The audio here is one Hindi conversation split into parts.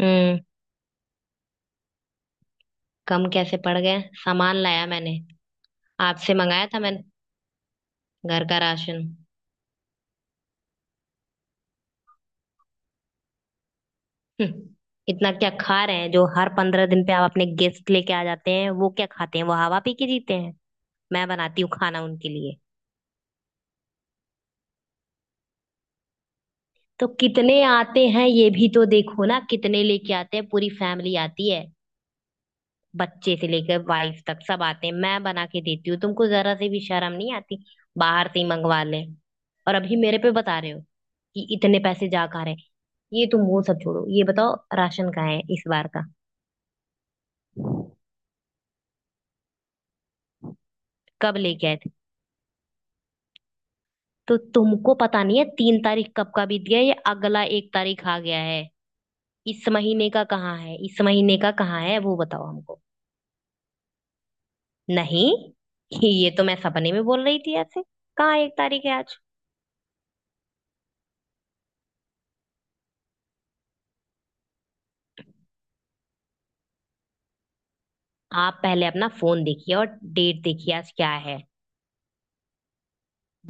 हम्म कम कैसे पड़ गए? सामान लाया मैंने। आपसे मंगाया था मैंने, घर का राशन। हम्म, इतना क्या खा रहे हैं जो हर 15 दिन पे आप अपने गेस्ट लेके आ जाते हैं? वो क्या खाते हैं? वो हवा पी के जीते हैं? मैं बनाती हूँ खाना उनके लिए। तो कितने आते हैं ये भी तो देखो ना, कितने लेके आते हैं, पूरी फैमिली आती है। बच्चे से लेकर वाइफ तक सब आते हैं, मैं बना के देती हूँ। तुमको जरा से भी शर्म नहीं आती, बाहर से ही मंगवा ले। और अभी मेरे पे बता रहे हो कि इतने पैसे जा खा रहे हैं। ये तुम वो सब छोड़ो, ये बताओ राशन कहाँ है इस बार का? कब लेके आए थे? तो तुमको पता नहीं है, 3 तारीख कब का बीत गया, ये अगला 1 तारीख आ गया है। इस महीने का कहाँ है, इस महीने का कहाँ है, वो बताओ हमको। नहीं, ये तो मैं सपने में बोल रही थी ऐसे। कहाँ 1 तारीख है आज? आप पहले अपना फोन देखिए और डेट देखिए आज क्या है।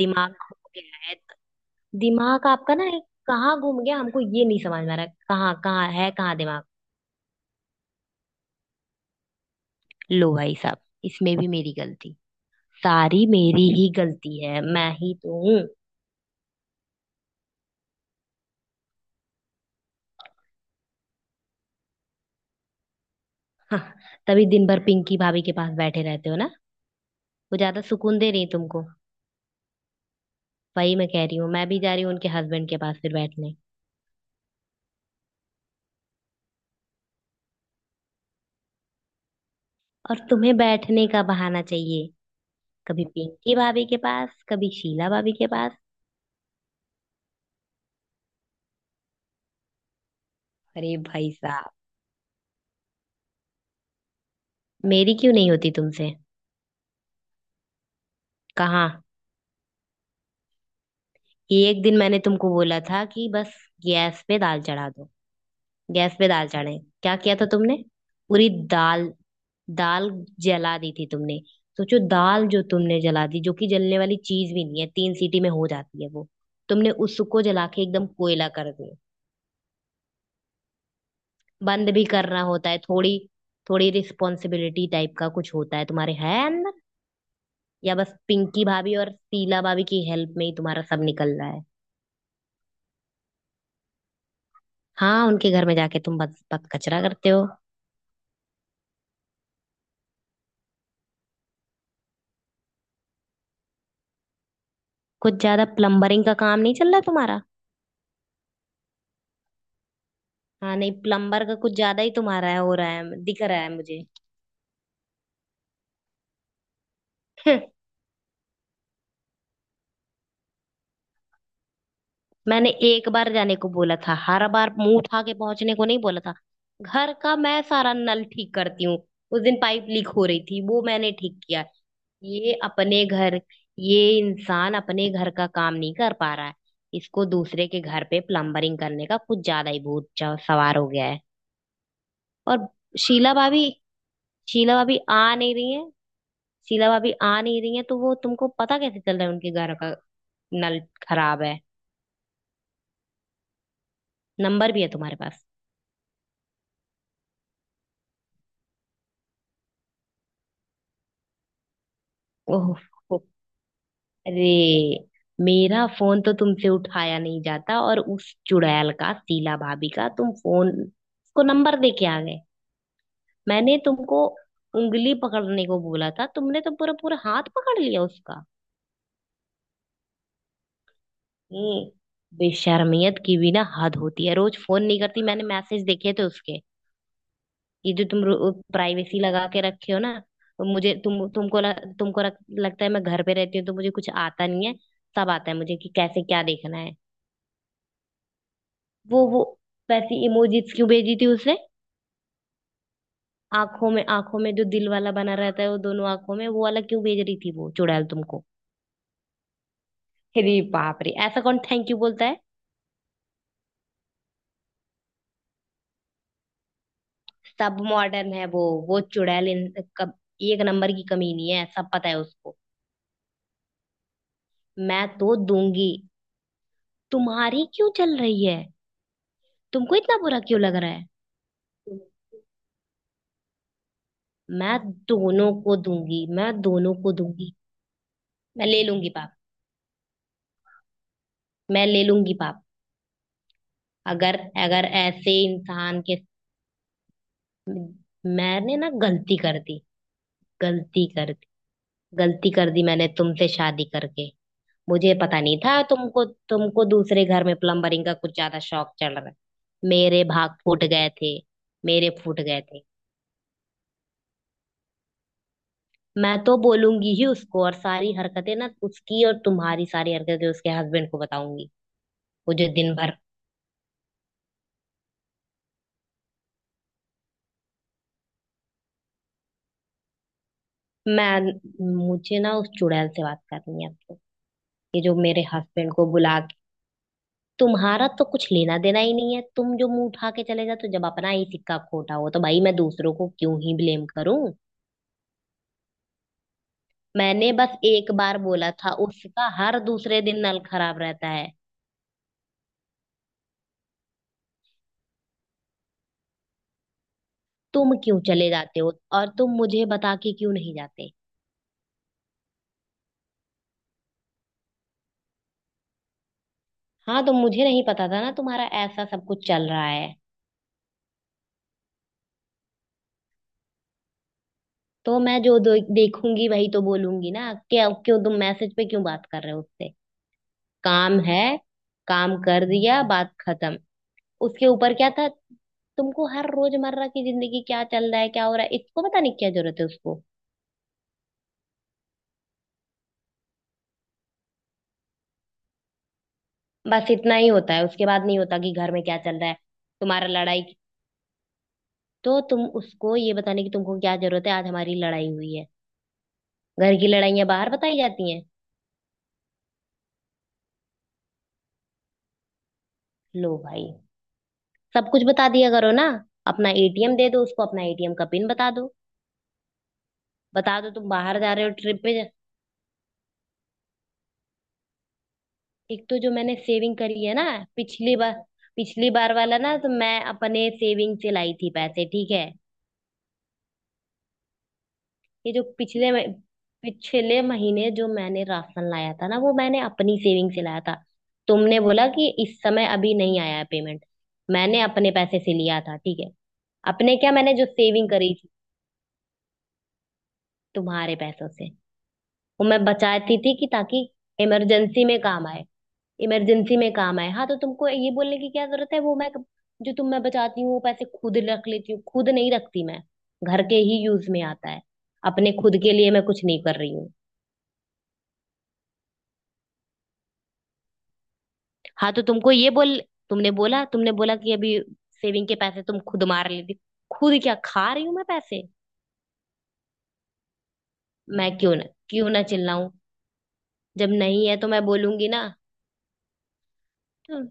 दिमाग खो गया है। दिमाग आपका ना एक कहाँ घूम गया, हमको ये नहीं समझ में आ रहा कहाँ कहाँ है, कहाँ दिमाग। लो भाई साहब, इसमें भी मेरी गलती। सारी मेरी ही गलती है, मैं ही तो हूँ। हाँ, तभी दिन भर पिंकी भाभी के पास बैठे रहते हो ना। वो ज्यादा सुकून दे रही तुमको? वही मैं कह रही हूँ, मैं भी जा रही हूँ उनके हस्बैंड के पास फिर बैठने। और तुम्हें बैठने का बहाना चाहिए, कभी पिंकी भाभी के पास, कभी शीला भाभी के पास। अरे भाई साहब, मेरी क्यों नहीं होती तुमसे? कहाँ? एक दिन मैंने तुमको बोला था कि बस गैस पे दाल चढ़ा दो। गैस पे दाल चढ़ाए, क्या किया था तुमने? पूरी दाल दाल जला दी थी तुमने। सोचो, दाल जो तुमने जला दी, जो कि जलने वाली चीज भी नहीं है, 3 सीटी में हो जाती है वो, तुमने उसको जला के एकदम कोयला कर दिया। बंद भी करना होता है थोड़ी, थोड़ी रिस्पॉन्सिबिलिटी टाइप का कुछ होता है तुम्हारे है अंदर? या बस पिंकी भाभी और शीला भाभी की हेल्प में ही तुम्हारा सब निकल रहा है? हाँ, उनके घर में जाके तुम बस बस कचरा करते हो। कुछ ज्यादा प्लम्बरिंग का काम नहीं चल रहा तुम्हारा? हाँ नहीं, प्लम्बर का कुछ ज्यादा ही तुम्हारा है हो रहा है, दिख रहा है मुझे। हं, मैंने एक बार जाने को बोला था, हर बार मुंह उठा के पहुंचने को नहीं बोला था। घर का मैं सारा नल ठीक करती हूँ, उस दिन पाइप लीक हो रही थी वो मैंने ठीक किया। ये अपने घर, ये इंसान अपने घर का काम नहीं कर पा रहा है, इसको दूसरे के घर पे प्लम्बरिंग करने का कुछ ज्यादा ही भूत सवार हो गया है। और शीला भाभी, शीला भाभी आ नहीं रही है। शीला भाभी आ नहीं रही है, तो वो तुमको पता कैसे चल रहा है उनके घर का नल खराब है? नंबर भी है तुम्हारे पास? ओह हो, अरे! मेरा फोन तो तुमसे उठाया नहीं जाता और उस चुड़ैल का, शीला भाभी का, तुम फोन को नंबर दे के आ गए। मैंने तुमको उंगली पकड़ने को बोला था, तुमने तो पूरा पूरा हाथ पकड़ लिया उसका। ये बेशर्मियत की भी ना हद होती है। रोज फोन नहीं करती, मैंने मैसेज देखे थे उसके। ये जो तुम प्राइवेसी लगा के रखे हो ना, वो मुझे तुम तुमको ल, तुमको रख, लगता है मैं घर पे रहती हूँ तो मुझे कुछ आता नहीं है। सब आता है मुझे कि कैसे क्या देखना है। वो वैसी इमोजीज क्यों भेजी थी उसने? आंखों में, आंखों में जो दिल वाला बना रहता है, वो दोनों आंखों में वो वाला क्यों भेज रही थी वो चुड़ैल तुमको? अरे बाप रे, ऐसा कौन थैंक यू बोलता है? सब मॉडर्न है वो चुड़ैल। एक नंबर की कमी नहीं है, सब पता है उसको। मैं तो दूंगी, तुम्हारी क्यों चल रही है? तुमको इतना बुरा क्यों लग रहा है? मैं दोनों को दूंगी, मैं दोनों को दूंगी। मैं ले लूंगी पाप, मैं ले लूंगी पाप। अगर, अगर ऐसे इंसान के, मैंने ना गलती कर दी। गलती कर दी, गलती कर दी मैंने तुमसे शादी करके। मुझे पता नहीं था, तुमको, तुमको दूसरे घर में प्लम्बरिंग का कुछ ज्यादा शौक चल रहा है। मेरे भाग फूट गए थे, मेरे फूट गए थे। मैं तो बोलूंगी ही उसको, और सारी हरकतें ना उसकी और तुम्हारी, सारी हरकतें उसके हस्बैंड को बताऊंगी। वो जो दिन भर, मैं, मुझे ना उस चुड़ैल से बात करनी है आपको। ये जो मेरे हस्बैंड को बुला के, तुम्हारा तो कुछ लेना देना ही नहीं है, तुम जो मुंह उठा के चले जाते हो। जब अपना ही सिक्का खोटा हो तो भाई मैं दूसरों को क्यों ही ब्लेम करूं? मैंने बस एक बार बोला था, उसका हर दूसरे दिन नल खराब रहता है। तुम क्यों चले जाते हो? और तुम मुझे बता के क्यों नहीं जाते? हाँ, तो मुझे नहीं पता था ना तुम्हारा ऐसा सब कुछ चल रहा है। तो मैं जो देखूंगी वही तो बोलूंगी ना। क्या, क्यों तुम मैसेज पे क्यों बात कर रहे हो उससे? काम है, काम कर दिया, बात खत्म। उसके ऊपर क्या था, तुमको हर रोजमर्रा की जिंदगी क्या चल रहा है, क्या हो रहा है, इसको पता नहीं क्या जरूरत है उसको? बस इतना ही होता है, उसके बाद नहीं होता कि घर में क्या चल रहा है। तुम्हारा लड़ाई, तो तुम उसको ये बताने की तुमको क्या जरूरत है आज हमारी लड़ाई हुई है? घर की लड़ाइयां बाहर बताई जाती हैं? लो भाई, सब कुछ बता दिया करो ना, अपना एटीएम दे दो उसको, अपना एटीएम का पिन बता दो। बता दो तुम बाहर जा रहे हो ट्रिप पे। एक तो जो मैंने सेविंग करी है ना, पिछली बार, पिछली बार वाला ना तो मैं अपने सेविंग से लाई थी पैसे, ठीक है? ये जो पिछले महीने जो मैंने राशन लाया था ना वो मैंने अपनी सेविंग से लाया था। तुमने बोला कि इस समय अभी नहीं आया है पेमेंट, मैंने अपने पैसे से लिया था, ठीक है? अपने क्या, मैंने जो सेविंग करी थी, तुम्हारे पैसों से, वो मैं बचाती थी कि ताकि इमरजेंसी में काम आए। इमरजेंसी में काम आए। हाँ तो तुमको ये बोलने की क्या जरूरत है वो मैं, जो तुम, मैं बचाती हूँ वो पैसे खुद रख लेती हूँ, खुद नहीं रखती मैं। घर के ही यूज में आता है, अपने खुद के लिए मैं कुछ नहीं कर रही हूँ। हाँ तो तुमको ये बोल, तुमने बोला, तुमने बोला कि अभी सेविंग के पैसे तुम खुद मार लेती। खुद क्या खा रही हूँ मैं पैसे? मैं क्यों ना, क्यों ना चिल्लाऊं? जब नहीं है तो मैं बोलूंगी ना, तो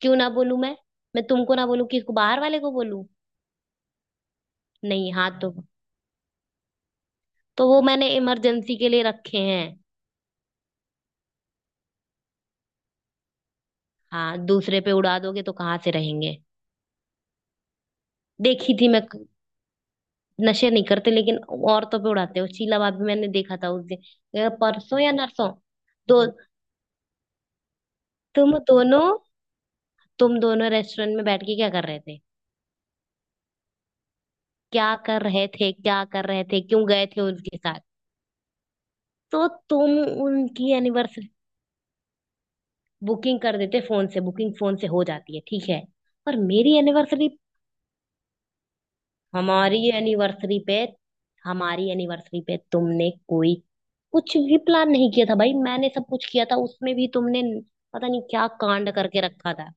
क्यों ना बोलूं मैं? मैं तुमको ना बोलूं किसको, बाहर वाले को बोलूं? नहीं, हाँ, तो वो मैंने इमरजेंसी के लिए रखे हैं। हाँ, दूसरे पे उड़ा दोगे तो कहाँ से रहेंगे? देखी थी मैं। नशे नहीं करते, लेकिन औरतों पे उड़ाते हो। शीला भाभी, मैंने देखा था उस दिन। परसों या नरसों। तो तुम दोनों, तुम दोनों रेस्टोरेंट में बैठ के क्या कर रहे थे? क्या कर रहे थे, क्या कर रहे थे, क्यों गए थे उनके साथ? तो तुम, उनकी एनिवर्सरी बुकिंग कर देते, फोन से बुकिंग फोन से हो जाती है, ठीक है? पर मेरी एनिवर्सरी, हमारी एनिवर्सरी पे, हमारी एनिवर्सरी पे तुमने कोई कुछ भी प्लान नहीं किया था। भाई मैंने सब कुछ किया था, उसमें भी तुमने पता नहीं क्या कांड करके रखा था।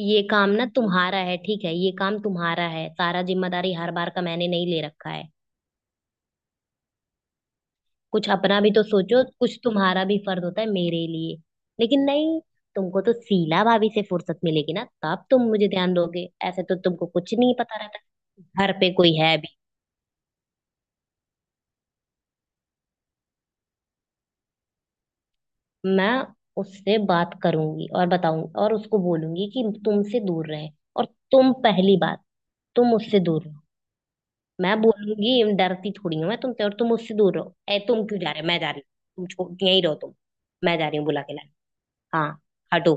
ये काम ना तुम्हारा है, ठीक है? ये काम तुम्हारा है, सारा जिम्मेदारी हर बार का मैंने नहीं ले रखा है। कुछ अपना भी तो सोचो, कुछ तुम्हारा भी फर्ज होता है मेरे लिए। लेकिन नहीं, तुमको तो शीला भाभी से फुर्सत मिलेगी ना तब तुम मुझे ध्यान दोगे। ऐसे तो तुमको कुछ नहीं पता रहता कि घर पे कोई है। मैं उससे बात करूंगी और बताऊंगी और उसको बोलूंगी कि तुमसे दूर रहे। और तुम पहली बात, तुम उससे दूर रहो। मैं बोलूंगी, डरती थोड़ी हूँ मैं तुमसे। और तुम उससे दूर रहो। ए तुम क्यों जा रहे हो? मैं जा रही हूँ, तुम छोड़, यहीं रहो तुम। मैं जा रही हूँ बुला के लाने। हाँ, हटो।